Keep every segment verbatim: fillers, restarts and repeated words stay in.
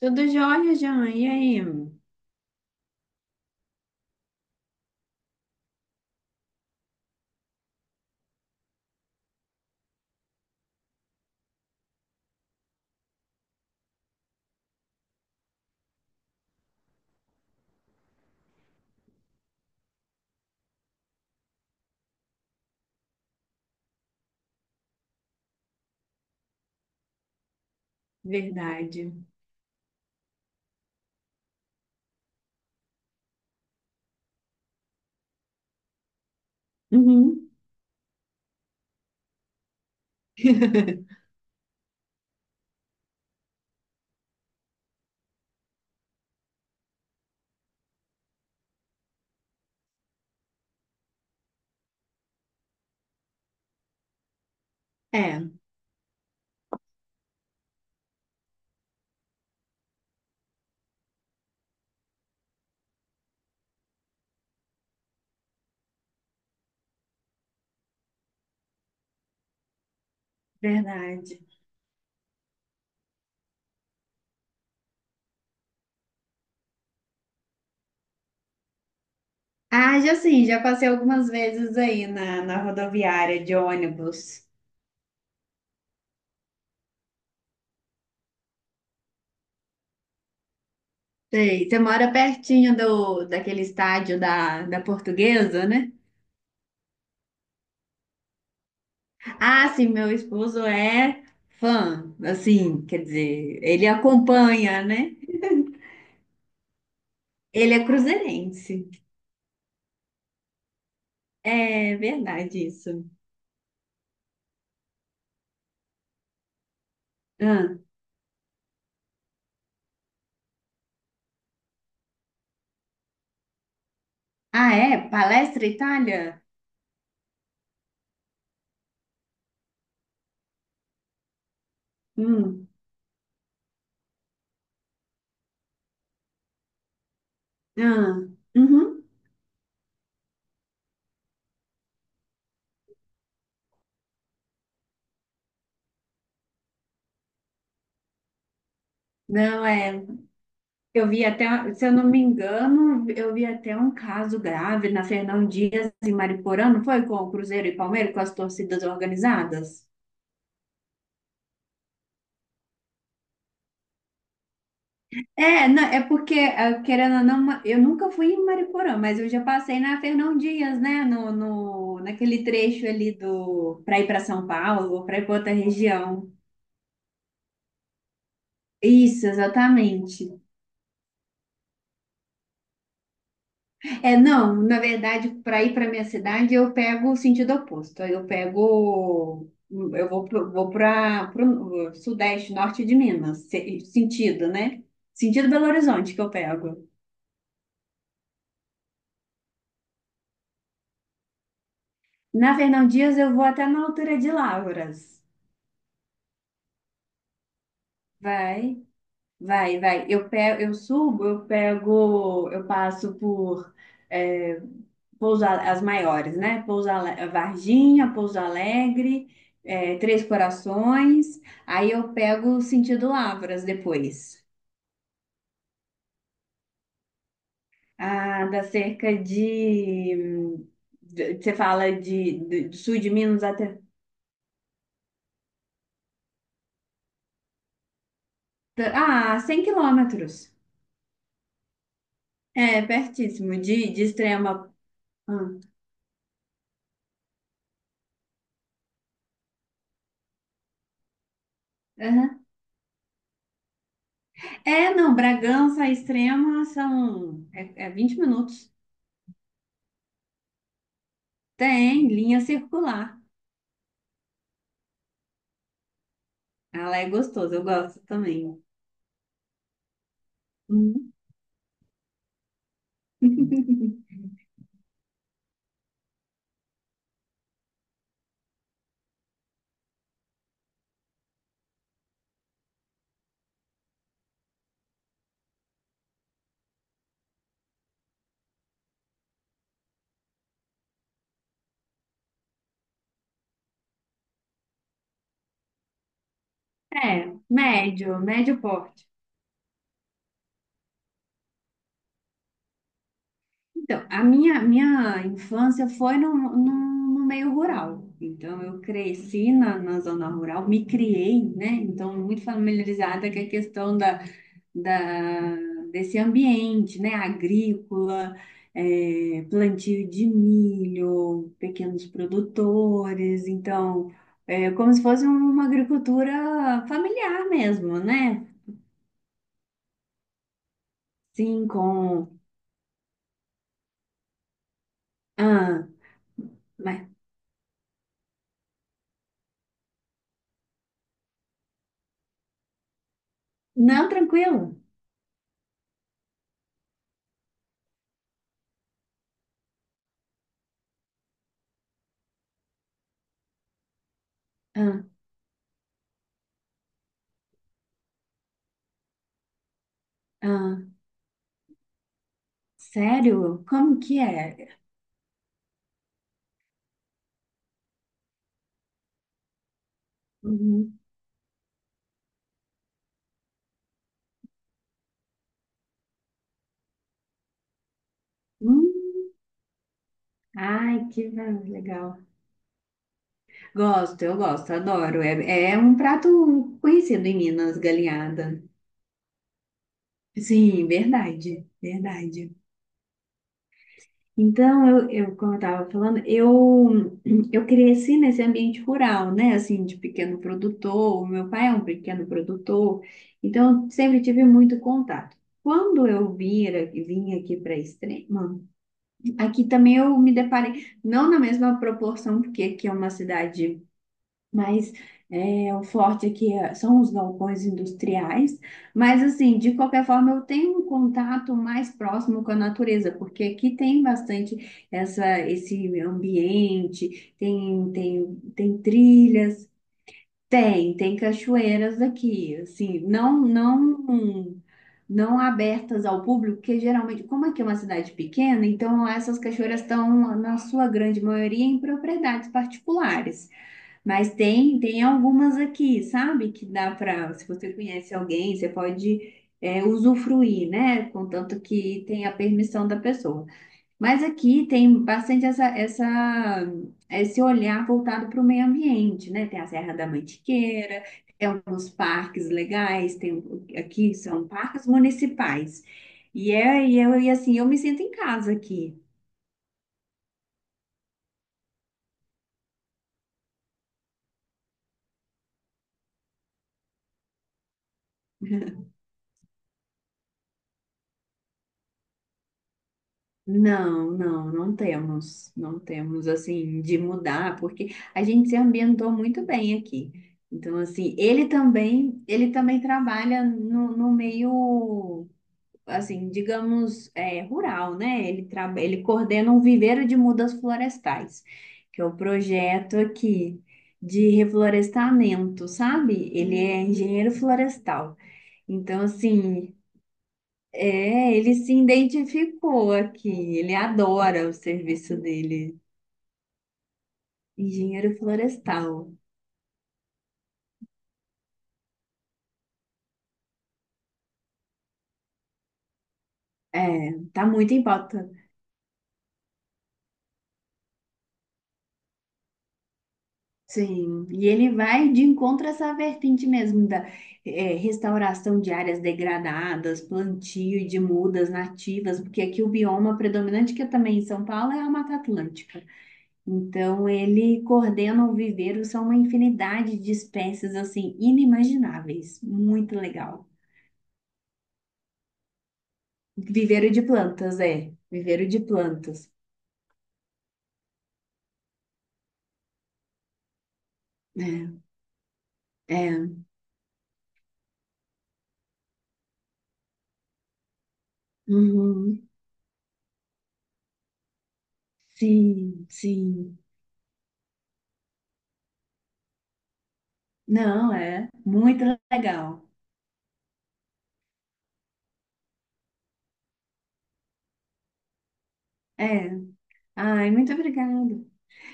Tudo jóia, Jean. E aí? Verdade. Uhum. É, verdade. Ah, já sim, já passei algumas vezes aí na, na rodoviária de ônibus. Sei, você mora pertinho do, daquele estádio da, da Portuguesa, né? Ah, sim, meu esposo é fã, assim, quer dizer, ele acompanha, né? Ele é cruzeirense. É verdade isso. Ah, ah, é? Palestra Itália? Hum. Ah, uhum. Não, é. Eu vi até, se eu não me engano, eu vi até um caso grave na Fernão Dias e Mariporã, não foi? Com o Cruzeiro e Palmeiras, com as torcidas organizadas? É, não, é porque, ah, querendo ou não, ma- eu nunca fui em Mariporã, mas eu já passei na Fernão Dias, né? No, no, naquele trecho ali do, para ir para São Paulo ou para ir para outra região. Isso, exatamente. É, não, na verdade, para ir para minha cidade, eu pego o sentido oposto. Aí Eu pego, eu vou pro, vou para o sudeste, norte de Minas, se- sentido, né? Sentido Belo Horizonte que eu pego. Na Fernão Dias, eu vou até na altura de Lavras. Vai. Vai, vai. Eu pego, eu subo, eu pego, eu passo por é, Pouso Ale- as maiores, né? Pouso Ale- Varginha, Pouso Alegre, é, Três Corações. Aí eu pego o sentido Lavras depois. Ah, dá cerca de, hum, de- você fala de, de- do sul de Minas até ah, cem quilômetros. É pertíssimo de, de Extrema. Ah, é, não, Bragança Extrema são é, é vinte minutos. Tem linha circular. Ela é gostosa, eu gosto também. Hum. É, médio, médio porte. Então, a minha, minha infância foi no, no, no meio rural. Então, eu cresci na, na zona rural, me criei, né? Então, muito familiarizada com a questão da da, desse ambiente, né? Agrícola, eh, plantio de milho, pequenos produtores, então é como se fosse uma agricultura familiar mesmo, né? Sim, com ah, mas não tranquilo. Ah, ah, sério? Como que é? Uhum. Hum. Ai, que va- legal. Gosto, eu gosto, adoro. É, é um prato conhecido em Minas, galinhada. Sim, verdade, verdade. Então, eu, eu como eu estava falando, eu, eu cresci nesse ambiente rural, né? Assim, de pequeno produtor, o meu pai é um pequeno produtor, então eu sempre tive muito contato. Quando eu vira, vim aqui para Extrema, aqui também eu me deparei, não na mesma proporção, porque aqui é uma cidade mas é, o forte aqui é- são os galpões industriais. Mas, assim, de qualquer forma, eu tenho um contato mais próximo com a natureza, porque aqui tem bastante essa, esse ambiente, tem, tem, tem trilhas, tem, tem cachoeiras aqui, assim, não, não. Não abertas ao público, porque geralmente, como aqui é uma cidade pequena, então lá essas cachoeiras estão, na sua grande maioria, em propriedades particulares. Mas tem, tem algumas aqui, sabe? Que dá para, se você conhece alguém, você pode é, usufruir, né? Contanto que tem a permissão da pessoa. Mas aqui tem bastante essa, essa, esse olhar voltado para o meio ambiente, né? Tem a Serra da Mantiqueira, tem alguns parques legais, tem, aqui são parques municipais. E, é, e, eu, e assim, eu me sinto em casa aqui. Não, não, não temos, não temos assim de mudar, porque a gente se ambientou muito bem aqui. Então, assim, ele também, ele também trabalha no, no meio, assim, digamos, é, rural, né? Ele, tra- ele coordena um viveiro de mudas florestais, que é o projeto aqui de reflorestamento, sabe? Ele é engenheiro florestal. Então, assim, é, ele se identificou aqui, ele adora o serviço dele, engenheiro florestal. É, tá muito em pauta. Sim, e ele vai de encontro a essa vertente mesmo da é, restauração de áreas degradadas, plantio de mudas nativas, porque aqui o bioma predominante, que é também em São Paulo, é a Mata Atlântica. Então, ele coordena o viveiro, são uma infinidade de espécies, assim, inimagináveis. Muito legal. Viveiro de plantas, é. Viveiro de plantas. É, é. Uhum. Sim, sim. Não, é. Muito legal. É. Ai, muito obrigada.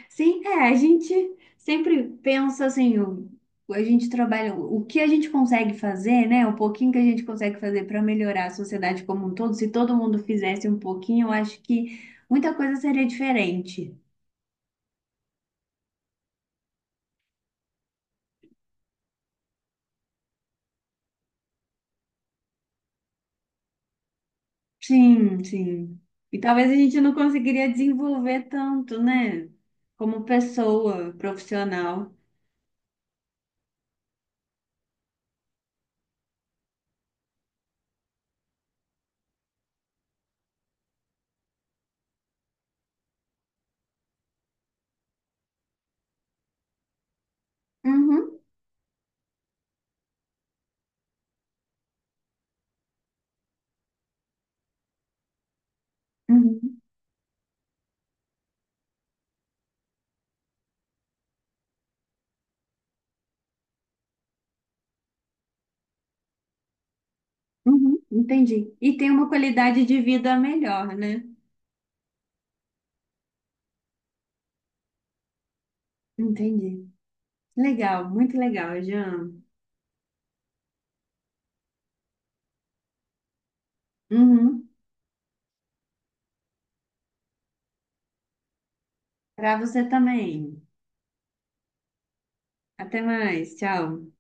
Sim, é. A gente sempre pensa assim, o, a gente trabalha, o que a gente consegue fazer, né? O pouquinho que a gente consegue fazer para melhorar a sociedade como um todo. Se todo mundo fizesse um pouquinho, eu acho que muita coisa seria diferente. Sim, sim. E talvez a gente não conseguiria desenvolver tanto, né? Como pessoa profissional. Uhum, uhum, uhum, entendi. E tem uma qualidade de vida melhor, né? Entendi. Legal, muito legal, Jean. Uhum. Para você também. Até mais, tchau.